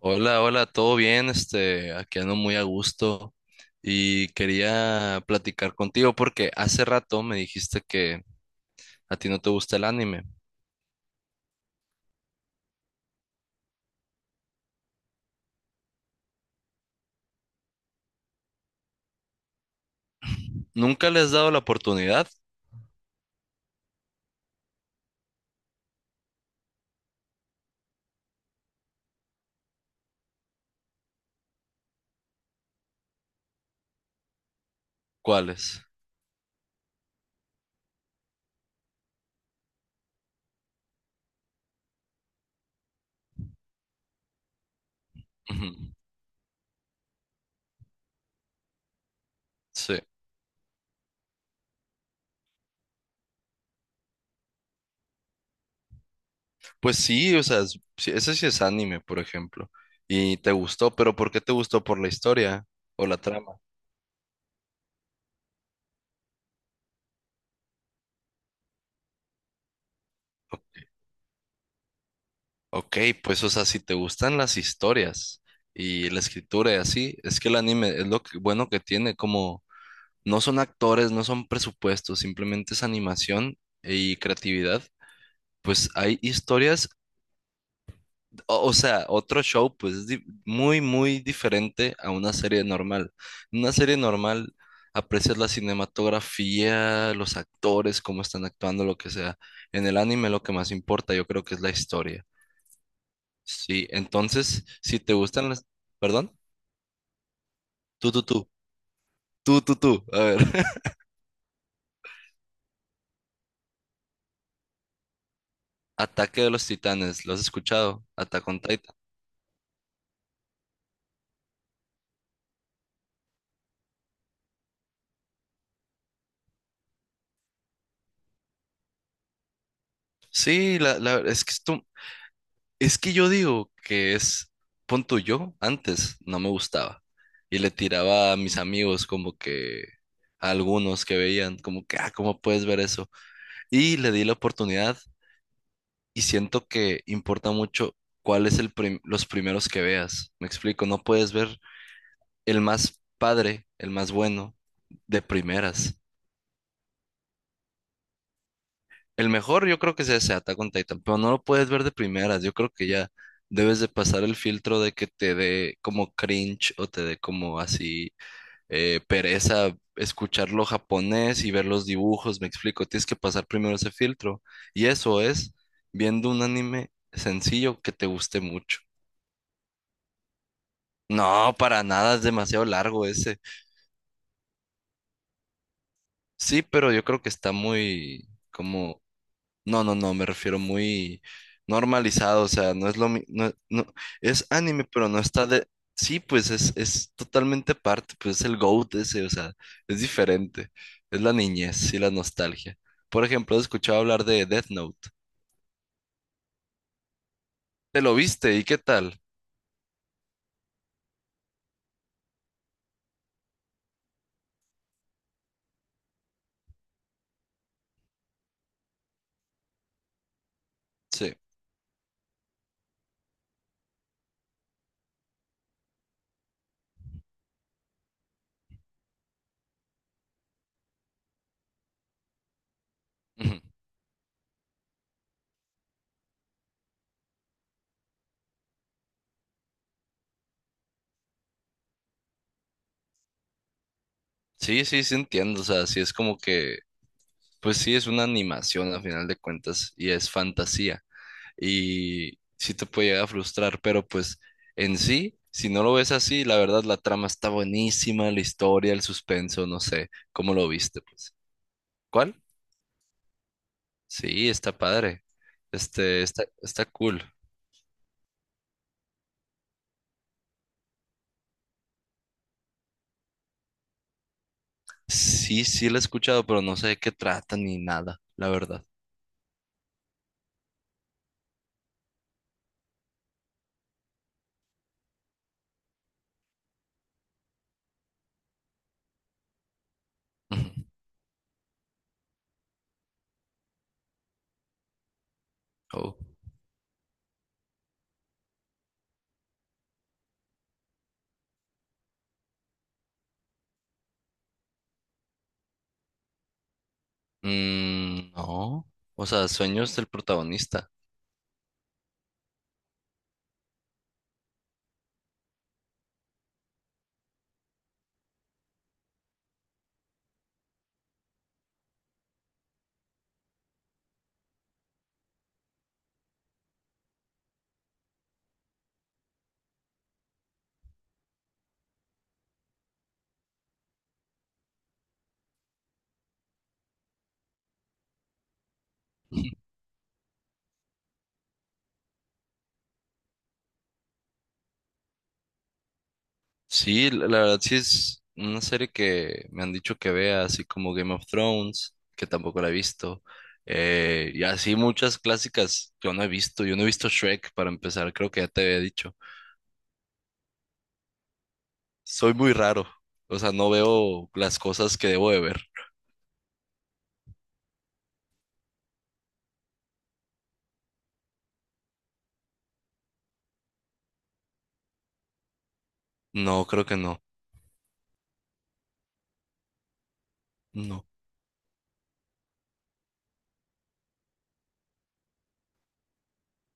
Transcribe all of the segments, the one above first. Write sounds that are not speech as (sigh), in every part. Hola, hola, todo bien, aquí ando muy a gusto y quería platicar contigo porque hace rato me dijiste que a ti no te gusta el anime. ¿Nunca le has dado la oportunidad? ¿Cuáles? Ujú. Sí. Pues sí, o sea, sí, ese sí es anime, por ejemplo. Y te gustó, pero ¿por qué te gustó? ¿Por la historia o la trama? Ok, ok, pues o sea, si te gustan las historias y la escritura y así, es que el anime es bueno, que tiene como no son actores, no son presupuestos, simplemente es animación y creatividad. Pues hay historias, o sea, otro show, pues es muy, muy diferente a una serie normal. En una serie normal aprecias la cinematografía, los actores, cómo están actuando, lo que sea. En el anime lo que más importa, yo creo que es la historia. Sí, entonces, si te gustan las... Perdón, tú, tú, tú, tú, tú, tú. A ver, (laughs) Ataque de los Titanes, ¿lo has escuchado? Attack on Titan. Sí, es que esto, es que yo digo que es, pon tú, yo antes no me gustaba y le tiraba a mis amigos como que a algunos que veían como que, ah, ¿cómo puedes ver eso? Y le di la oportunidad y siento que importa mucho cuál es los primeros que veas. Me explico, no puedes ver el más padre, el más bueno de primeras. El mejor yo creo que es ese Attack on Titan, pero no lo puedes ver de primeras. Yo creo que ya debes de pasar el filtro de que te dé como cringe o te dé como así pereza escucharlo japonés y ver los dibujos, me explico. Tienes que pasar primero ese filtro. Y eso es viendo un anime sencillo que te guste mucho. No, para nada, es demasiado largo ese. Sí, pero yo creo que está muy como... No, no, no, me refiero muy normalizado, o sea, no es no, no, es anime, pero no está de... Sí, pues es totalmente aparte, pues es el GOAT ese, o sea, es diferente, es la niñez y la nostalgia. Por ejemplo, he escuchado hablar de Death Note. ¿Te lo viste y qué tal? Sí. Ujú. Sí, sí, sí entiendo, o sea, sí es como que, pues sí, es una animación a final de cuentas y es fantasía, y sí te puede llegar a frustrar, pero pues en sí, si no lo ves así, la verdad la trama está buenísima, la historia, el suspenso, no sé, ¿cómo lo viste, pues? ¿Cuál? Sí, está padre. Este, está, está cool. Sí, sí la he escuchado, pero no sé de qué trata ni nada, la verdad. Ujú. Oh. Mm, no, o sea, sueños del protagonista. Sí, la verdad sí es una serie que me han dicho que vea, así como Game of Thrones, que tampoco la he visto, y así muchas clásicas que yo no he visto. Yo no he visto Shrek para empezar, creo que ya te había dicho. Soy muy raro, o sea, no veo las cosas que debo de ver. No, creo que no, no,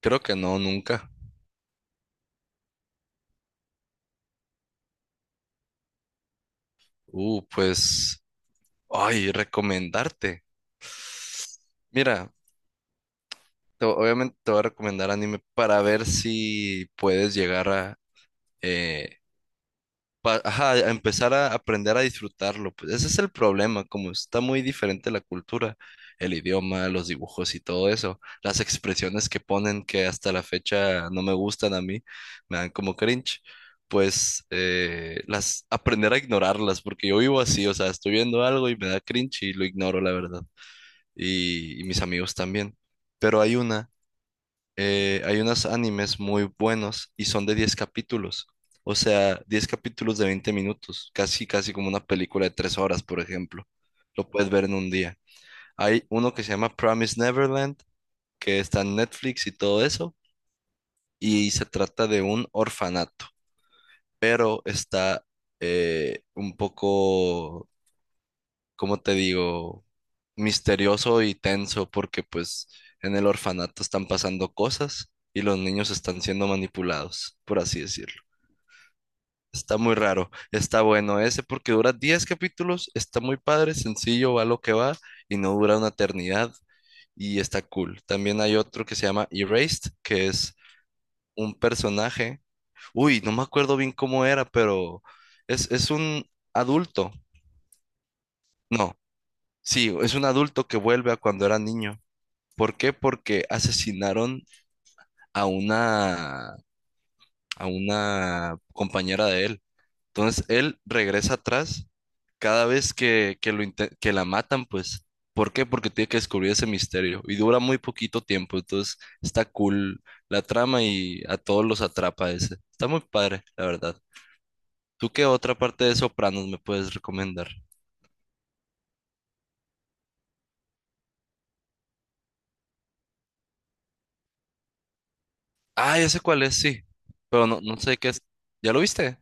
creo que no, nunca. Pues, ay, recomendarte. Mira, obviamente te voy a recomendar anime para ver si puedes llegar a... eh, ajá, a empezar a aprender a disfrutarlo, pues ese es el problema, como está muy diferente la cultura, el idioma, los dibujos y todo eso, las expresiones que ponen que hasta la fecha no me gustan a mí, me dan como cringe, pues las aprender a ignorarlas, porque yo vivo así, o sea, estoy viendo algo y me da cringe y lo ignoro, la verdad, y mis amigos también, pero hay una hay unos animes muy buenos y son de 10 capítulos. O sea, 10 capítulos de 20 minutos, casi, casi como una película de 3 horas, por ejemplo. Lo puedes ver en un día. Hay uno que se llama Promise Neverland, que está en Netflix y todo eso, y se trata de un orfanato, pero está un poco, como te digo, misterioso y tenso porque pues en el orfanato están pasando cosas y los niños están siendo manipulados, por así decirlo. Está muy raro, está bueno ese porque dura 10 capítulos, está muy padre, sencillo, va lo que va y no dura una eternidad y está cool. También hay otro que se llama Erased, que es un personaje, uy, no me acuerdo bien cómo era, pero es un adulto, no, sí, es un adulto que vuelve a cuando era niño. ¿Por qué? Porque asesinaron a una, a una compañera de él. Entonces él regresa atrás cada vez que, que la matan, pues. ¿Por qué? Porque tiene que descubrir ese misterio y dura muy poquito tiempo. Entonces está cool la trama y a todos los atrapa ese. Está muy padre, la verdad. ¿Tú qué otra parte de Sopranos me puedes recomendar? Ah, ya sé cuál es, sí. Pero no, no sé qué es. ¿Ya lo viste?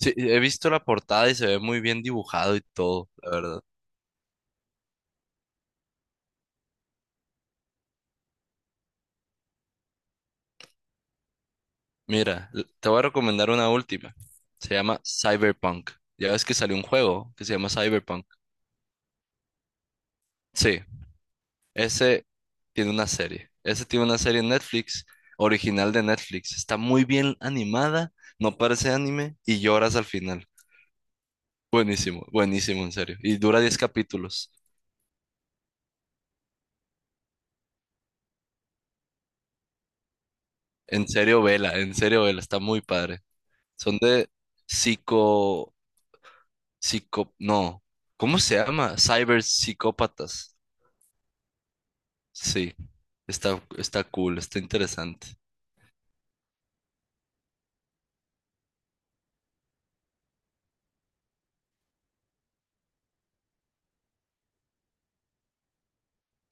Sí, he visto la portada y se ve muy bien dibujado y todo, la verdad. Mira, te voy a recomendar una última. Se llama Cyberpunk. Ya ves que salió un juego que se llama Cyberpunk. Sí, ese tiene una serie. Ese tiene una serie en Netflix, original de Netflix. Está muy bien animada, no parece anime y lloras al final. Buenísimo, buenísimo, en serio. Y dura 10 capítulos. En serio, vela, en serio, vela. Está muy padre. Son de psico... No. ¿Cómo se llama? Cyber psicópatas. Sí. Está, está cool, está interesante.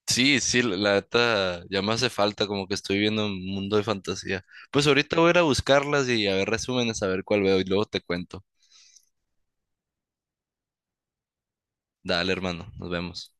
Sí, sí, la neta ya me hace falta, como que estoy viviendo un mundo de fantasía. Pues ahorita voy a ir a buscarlas y a ver resúmenes, a ver cuál veo y luego te cuento. Dale, hermano, nos vemos.